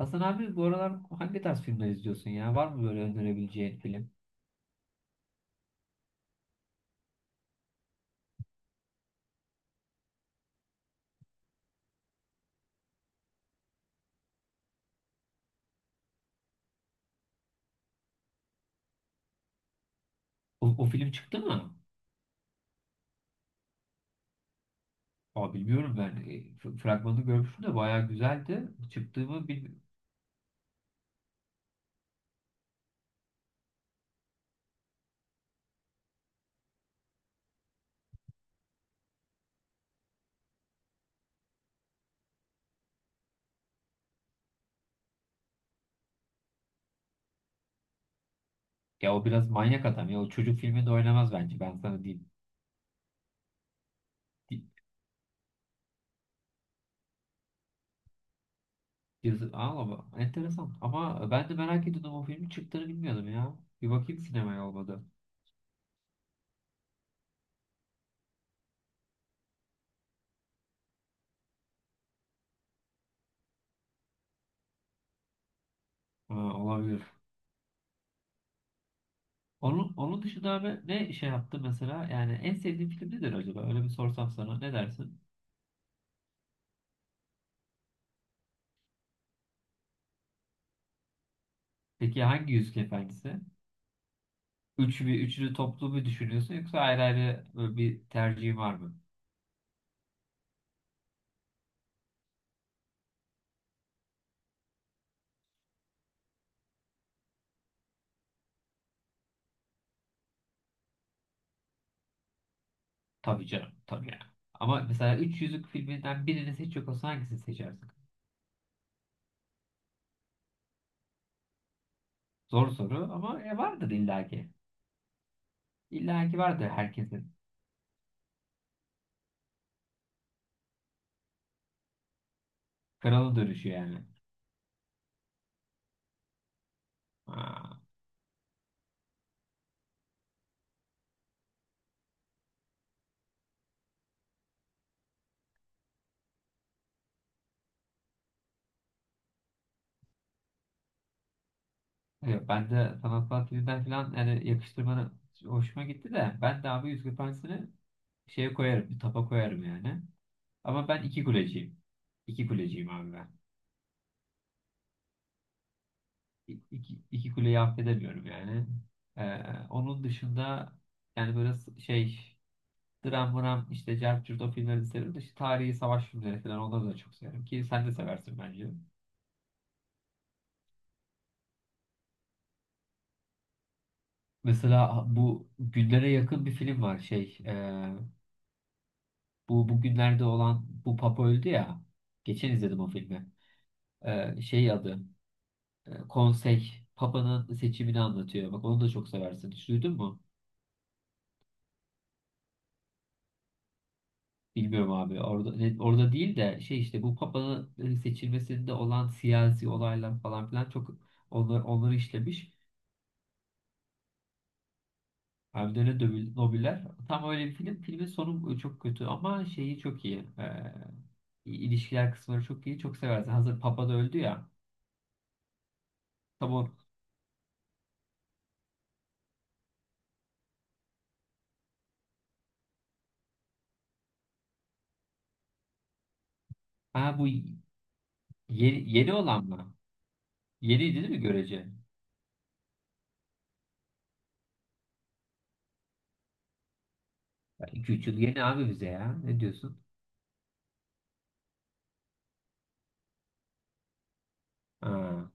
Hasan abi bu aralar hangi tarz filmler izliyorsun ya? Var mı böyle önerebileceğin film? O film çıktı mı? Aa, bilmiyorum ben. Fragmanını görmüştüm de bayağı güzeldi. Çıktı mı bilmiyorum. Ya o biraz manyak adam ya. O çocuk filminde oynamaz bence. Ben sana diyeyim. Di- Yazı, aa, ama enteresan. Ama ben de merak ediyordum o filmin çıktığını bilmiyordum ya. Bir bakayım sinemaya olmadı. Ha, olabilir. Onun dışında abi ne şey yaptı mesela? Yani en sevdiğin film nedir acaba? Öyle bir sorsam sana ne dersin? Peki hangi Yüzük Efendisi? Üç bir üçlü toplu mu düşünüyorsun yoksa ayrı ayrı böyle bir tercihin var mı? Tabii canım tabii yani. Ama mesela Üç Yüzük filminden birini seçecek olsan hangisini seçersin? Zor soru ama vardır illaki. İllaki vardır herkesin. Kralı dönüşü yani. Ha, yok, ben de sanatsal filmden falan yani yakıştırmanı hoşuma gitti de ben de abi Yüzük Efendisi'ni şeye koyarım, bir tapa koyarım yani. Ama ben iki kuleciyim. İki kuleciyim abi ben. İki, iki kuleyi affedemiyorum yani. Ee, onun dışında yani böyle şey dram mram işte Cerp Cürt o filmleri de severim de işte tarihi savaş filmleri falan onları da çok severim ki sen de seversin bence. Mesela bu günlere yakın bir film var şey bu bugünlerde olan bu Papa öldü ya geçen izledim o filmi. Şey adı Konsey Papa'nın seçimini anlatıyor. Bak onu da çok seversin. Hiç duydun mu? Bilmiyorum abi. Orada değil de şey işte bu papanın seçilmesinde olan siyasi olaylar falan filan çok onlar onları işlemiş. Hem de öyle Nobiller. Tam öyle bir film. Filmin sonu çok kötü ama şeyi çok iyi. İlişkiler kısımları çok iyi. Çok seversin. Hazır papa da öldü ya. Tam o, ha, bu yeni olan mı? Yeniydi değil mi görece? İki üç yıl yeni abi bize ya. Ne diyorsun? Ha.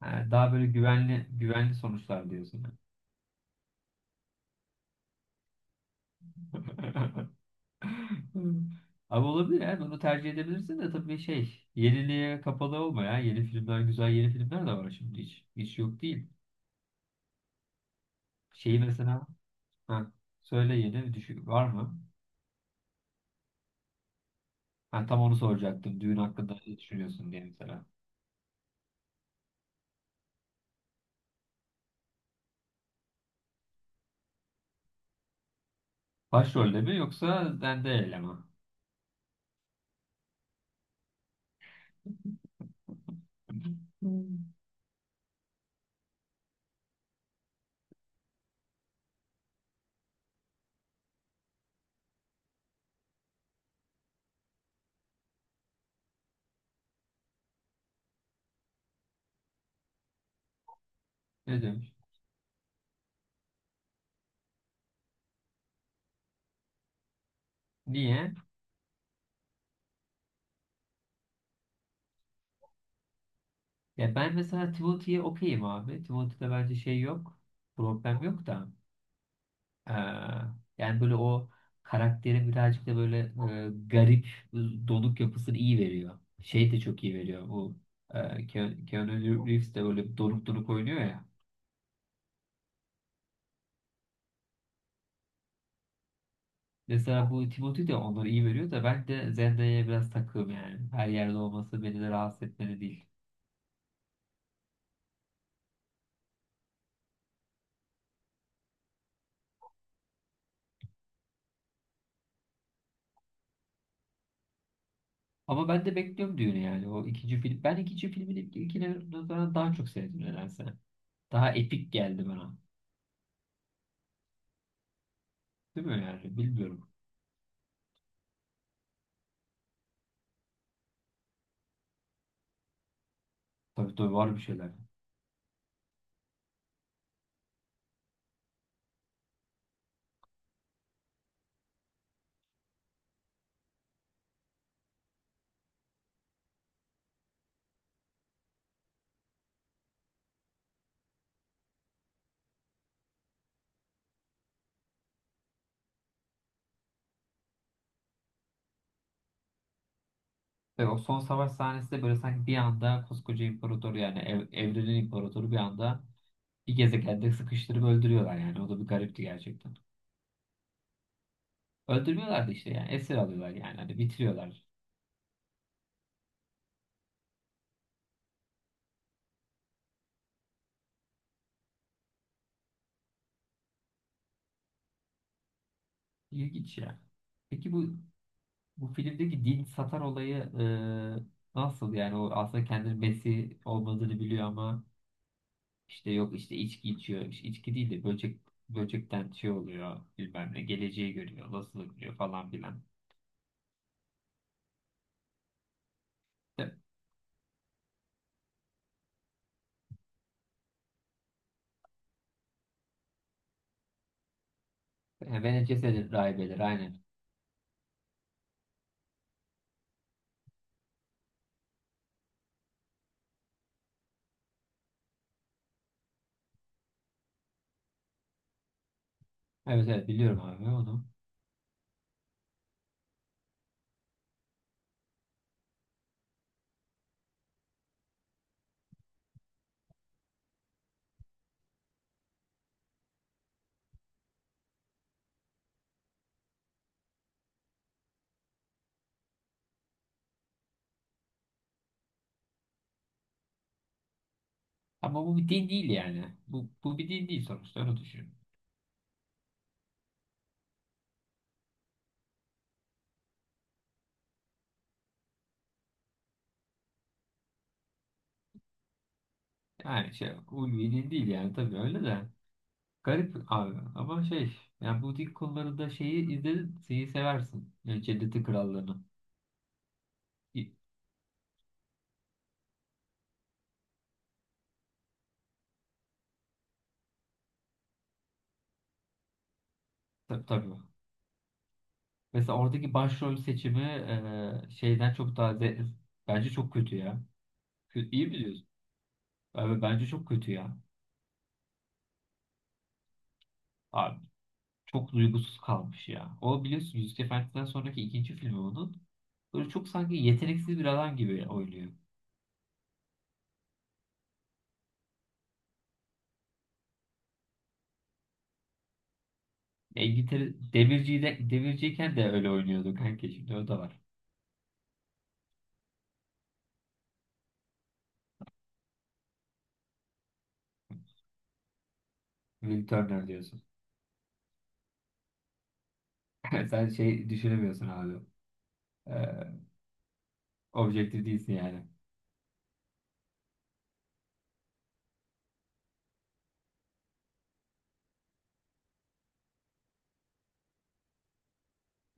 Ha, daha böyle güvenli güvenli sonuçlar diyorsun. Hmm. Abi olabilir ya. Bunu tercih edebilirsin de tabii şey yeniliğe kapalı olma ya. Yeni filmler güzel, yeni filmler de var şimdi hiç. Hiç yok değil. Şeyi mesela, ha, söyle yeni bir düşün var mı? Ha, tam onu soracaktım. Düğün hakkında ne düşünüyorsun diye mesela. Başrolde mi yoksa Zendaya ile mi? Hmm. Ne demiş? Niye? Ya ben mesela Timothy'ye okeyim abi. Timothy'de bence şey yok. Problem yok da. Ee, yani böyle o karakterin birazcık da böyle garip donuk yapısını iyi veriyor. Şey de çok iyi veriyor. Bu Keanu Reeves de böyle donuk donuk oynuyor ya. Mesela bu Timothy de onları iyi veriyor da ben de Zendaya'ya biraz takığım yani. Her yerde olması beni de rahatsız etmeli değil. Ama ben de bekliyorum düğünü yani. O ikinci film. Ben ikinci filmin ilkine nazaran daha çok sevdim nedense. Daha epik geldi bana. Değil mi yani? Bilmiyorum. Tabii tabii var bir şeyler. Ve o son savaş sahnesi de böyle sanki bir anda koskoca imparator yani evrenin imparatoru bir anda bir gezegende sıkıştırıp öldürüyorlar yani. O da bir garipti gerçekten. Öldürmüyorlar da işte yani esir alıyorlar yani hani bitiriyorlar. İlginç ya. Peki bu filmdeki din satar olayı nasıl yani o aslında kendini Mesih olmadığını biliyor ama işte yok işte içki içiyor. İşte içki değil de böcekten şey oluyor bilmem ne geleceği görüyor nasıl görüyor falan filan. Ve- Vene cesedin rahibeleri aynen. Evet evet biliyorum abi onu. Ama bu bir din değil yani. Bu bir din değil sonuçta öyle düşün. Yani şey ulvi din değil yani tabii öyle de. Garip abi ama şey yani bu din konularında şeyi izledin şeyi seversin. Yani Cennetin Krallığı'nı. İ- tabii. Mesela oradaki başrol seçimi şeyden çok daha bence çok kötü ya. Kö iyi mi diyorsun? Abi bence çok kötü ya. Abi çok duygusuz kalmış ya. O biliyorsun Yüzük Efendi'den sonraki ikinci filmi onun. Böyle çok sanki yeteneksiz bir adam gibi oynuyor. Ya İngiltere demirciyken de öyle oynuyordu kanka şimdi o da var. Will Turner diyorsun. Sen şey düşünemiyorsun abi. Ee, objektif değilsin yani.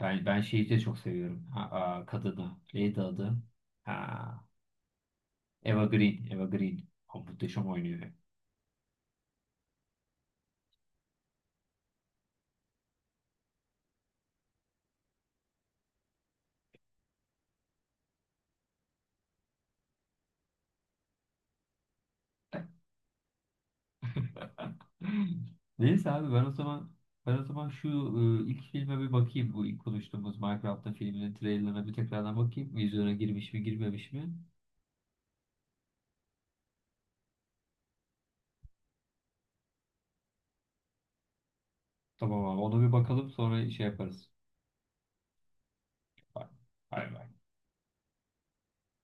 Ben şeyi de çok seviyorum. Ha, kadını. Neydi adı? Ha, Eva Green. Eva Green. O muhteşem oynuyor. Neyse abi ben o zaman şu ilk filme bir bakayım. Bu ilk konuştuğumuz Minecraft'ta filminin trailerına bir tekrardan bakayım. Vizyona girmiş mi girmemiş mi? Tamam abi ona bir bakalım sonra şey yaparız. Bay bay.